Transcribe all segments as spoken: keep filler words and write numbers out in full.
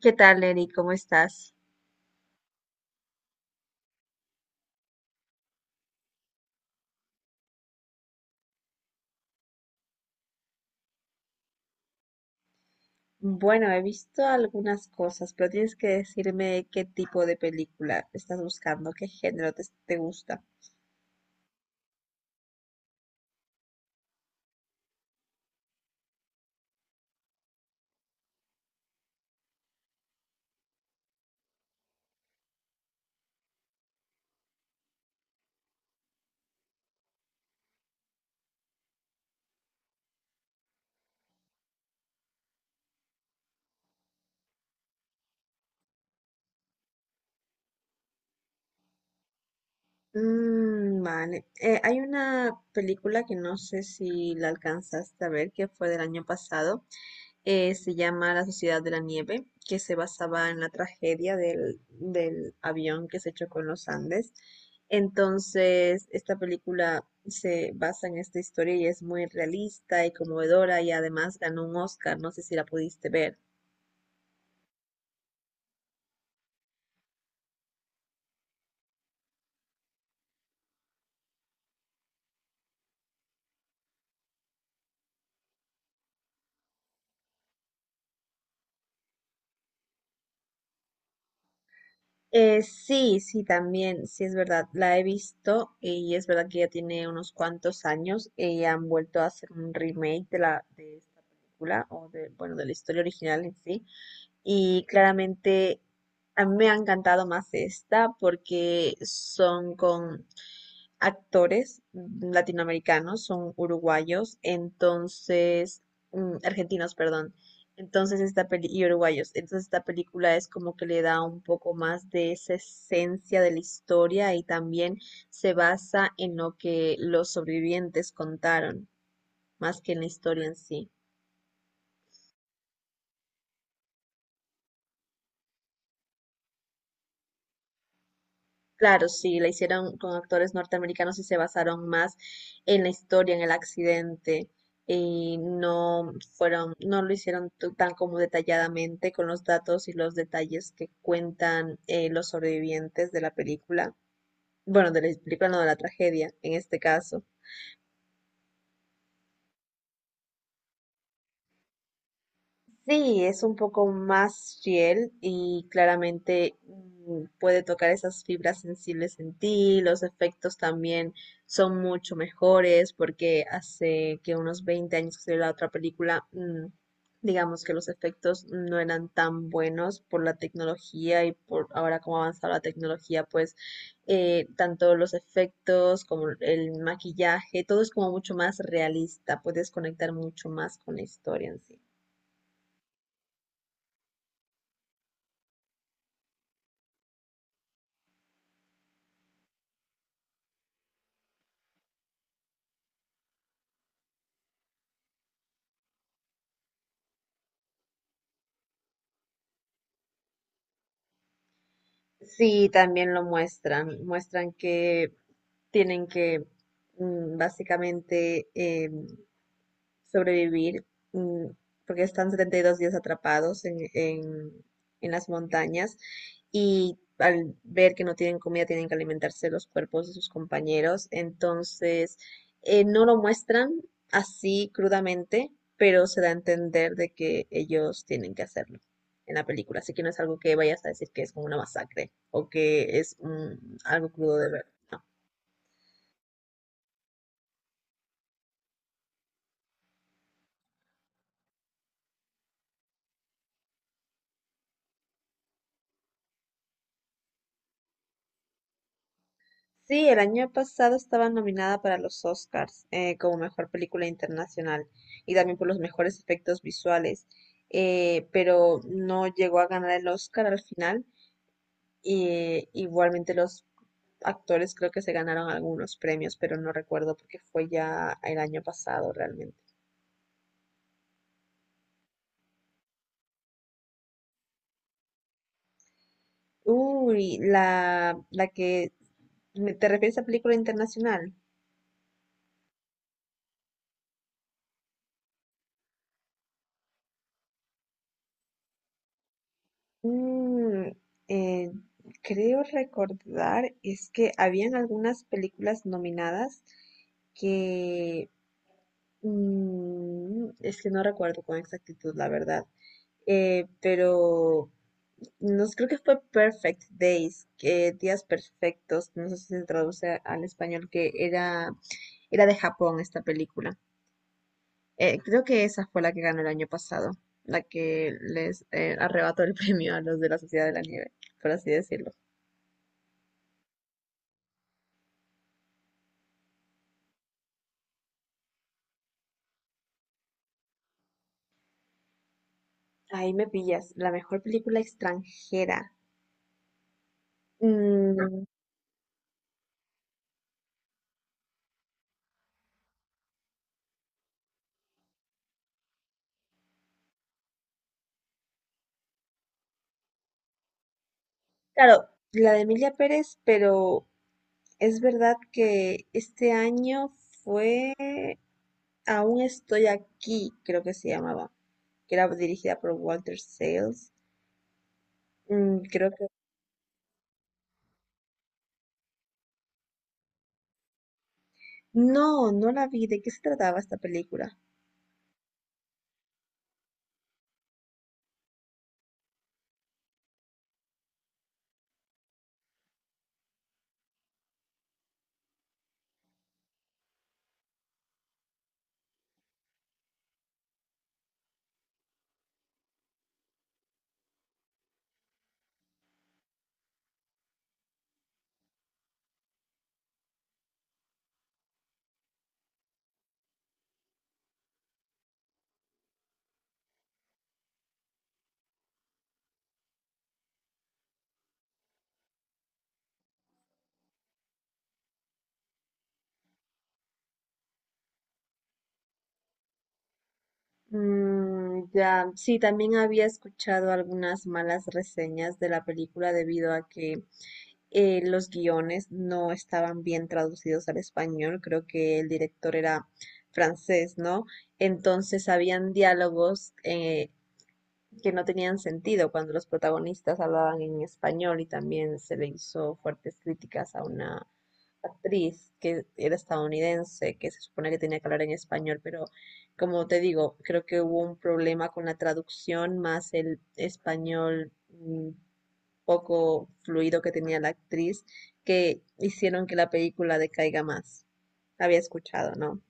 ¿Qué tal, Eri? ¿Cómo estás? Bueno, he visto algunas cosas, pero tienes que decirme qué tipo de película estás buscando, qué género te, te gusta. Mm, vale. Eh, hay una película que no sé si la alcanzaste a ver, que fue del año pasado, eh, se llama La Sociedad de la Nieve, que se basaba en la tragedia del, del avión que se chocó en los Andes. Entonces, esta película se basa en esta historia y es muy realista y conmovedora, y además ganó un Oscar. No sé si la pudiste ver. Eh, sí, sí, también, sí, es verdad, la he visto, y es verdad que ya tiene unos cuantos años y han vuelto a hacer un remake de la de esta película o de, bueno, de la historia original en sí. Y claramente a mí me ha encantado más esta porque son con actores latinoamericanos, son uruguayos, entonces, mm, argentinos, perdón. Entonces esta peli y uruguayos, entonces esta película es como que le da un poco más de esa esencia de la historia, y también se basa en lo que los sobrevivientes contaron, más que en la historia en sí. Claro, sí, la hicieron con actores norteamericanos y se basaron más en la historia, en el accidente, y no fueron, no lo hicieron tu- tan como detalladamente con los datos y los detalles que cuentan eh, los sobrevivientes de la película, bueno, de la película, no de la tragedia, en este caso. Sí, es un poco más fiel y claramente mm, puede tocar esas fibras sensibles en ti. Los efectos también son mucho mejores porque hace que unos veinte años que salió la otra película. Mm, digamos que los efectos no eran tan buenos por la tecnología, y por ahora como ha avanzado la tecnología, pues eh, tanto los efectos como el maquillaje, todo es como mucho más realista. Puedes conectar mucho más con la historia en sí. Sí, también lo muestran. Muestran que tienen que mm, básicamente em, sobrevivir, mm, porque están setenta y dos días atrapados en, en, en las montañas, y al ver que no tienen comida tienen que alimentarse los cuerpos de sus compañeros, entonces eh, no lo muestran así crudamente, pero se da a entender de que ellos tienen que hacerlo en la película, así que no es algo que vayas a decir que es como una masacre o que es mm, algo crudo de ver. No. Sí, el año pasado estaba nominada para los Oscars eh, como mejor película internacional, y también por los mejores efectos visuales, eh, pero no llegó a ganar el Oscar al final. Y, igualmente los actores creo que se ganaron algunos premios, pero no recuerdo porque fue ya el año pasado realmente. Uy, la, la que... ¿Te refieres a película internacional? Mm, eh, Creo recordar es que habían algunas películas nominadas que mm, es que no recuerdo con exactitud, la verdad. Eh, pero no sé, creo que fue Perfect Days, que días perfectos, no sé si se traduce al español, que era, era de Japón esta película. Eh, creo que esa fue la que ganó el año pasado, la que les eh, arrebató el premio a los de la Sociedad de la Nieve, por así decirlo. Ahí me pillas. La mejor película extranjera. Mm, claro, la de Emilia Pérez, pero es verdad que este año fue Aún estoy aquí, creo que se llamaba, que era dirigida por Walter Sales. Mm, creo que... No, no la vi. ¿De qué se trataba esta película? Mm, ya, sí, también había escuchado algunas malas reseñas de la película debido a que eh, los guiones no estaban bien traducidos al español. Creo que el director era francés, ¿no? Entonces habían diálogos eh, que no tenían sentido cuando los protagonistas hablaban en español, y también se le hizo fuertes críticas a una actriz que era estadounidense, que se supone que tenía que hablar en español, pero como te digo, creo que hubo un problema con la traducción más el español mm, poco fluido que tenía la actriz, que hicieron que la película decaiga más. Había escuchado, ¿no?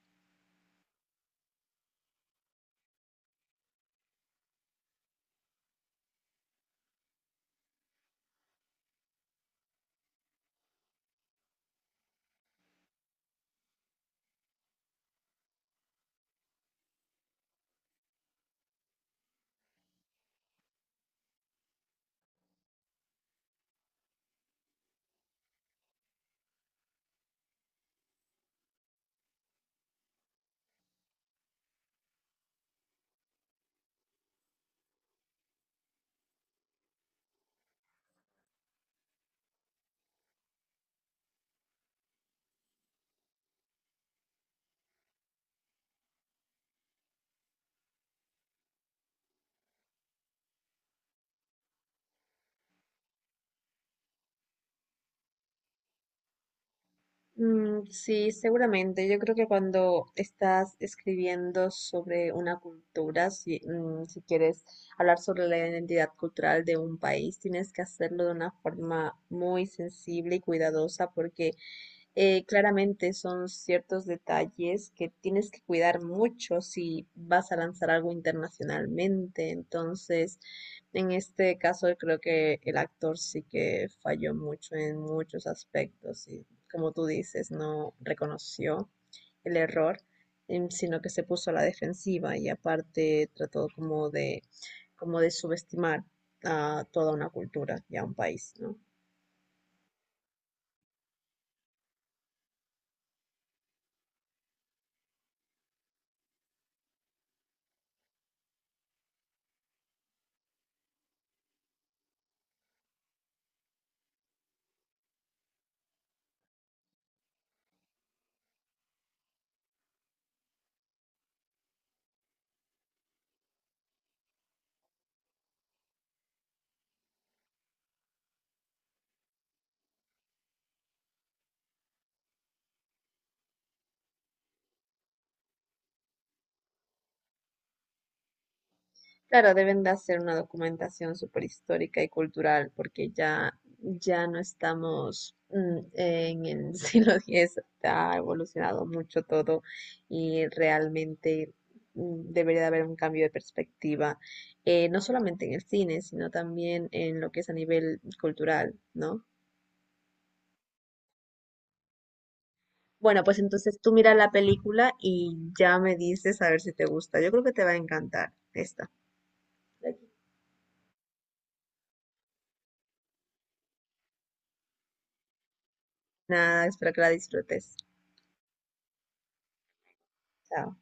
Mm, sí, seguramente. Yo creo que cuando estás escribiendo sobre una cultura, si, mm, si quieres hablar sobre la identidad cultural de un país, tienes que hacerlo de una forma muy sensible y cuidadosa porque eh, claramente son ciertos detalles que tienes que cuidar mucho si vas a lanzar algo internacionalmente. Entonces, en este caso creo que el actor sí que falló mucho en muchos aspectos y como tú dices, no reconoció el error, em, sino que se puso a la defensiva y aparte trató como de, como de subestimar a toda una cultura y a un país, ¿no? Claro, deben de hacer una documentación súper histórica y cultural porque ya, ya no estamos mm, en el siglo diez, ha evolucionado mucho todo, y realmente mm, debería de haber un cambio de perspectiva, eh, no solamente en el cine, sino también en lo que es a nivel cultural, ¿no? Bueno, pues entonces tú mira la película y ya me dices a ver si te gusta. Yo creo que te va a encantar esta. Nada, espero que la disfrutes. Chao.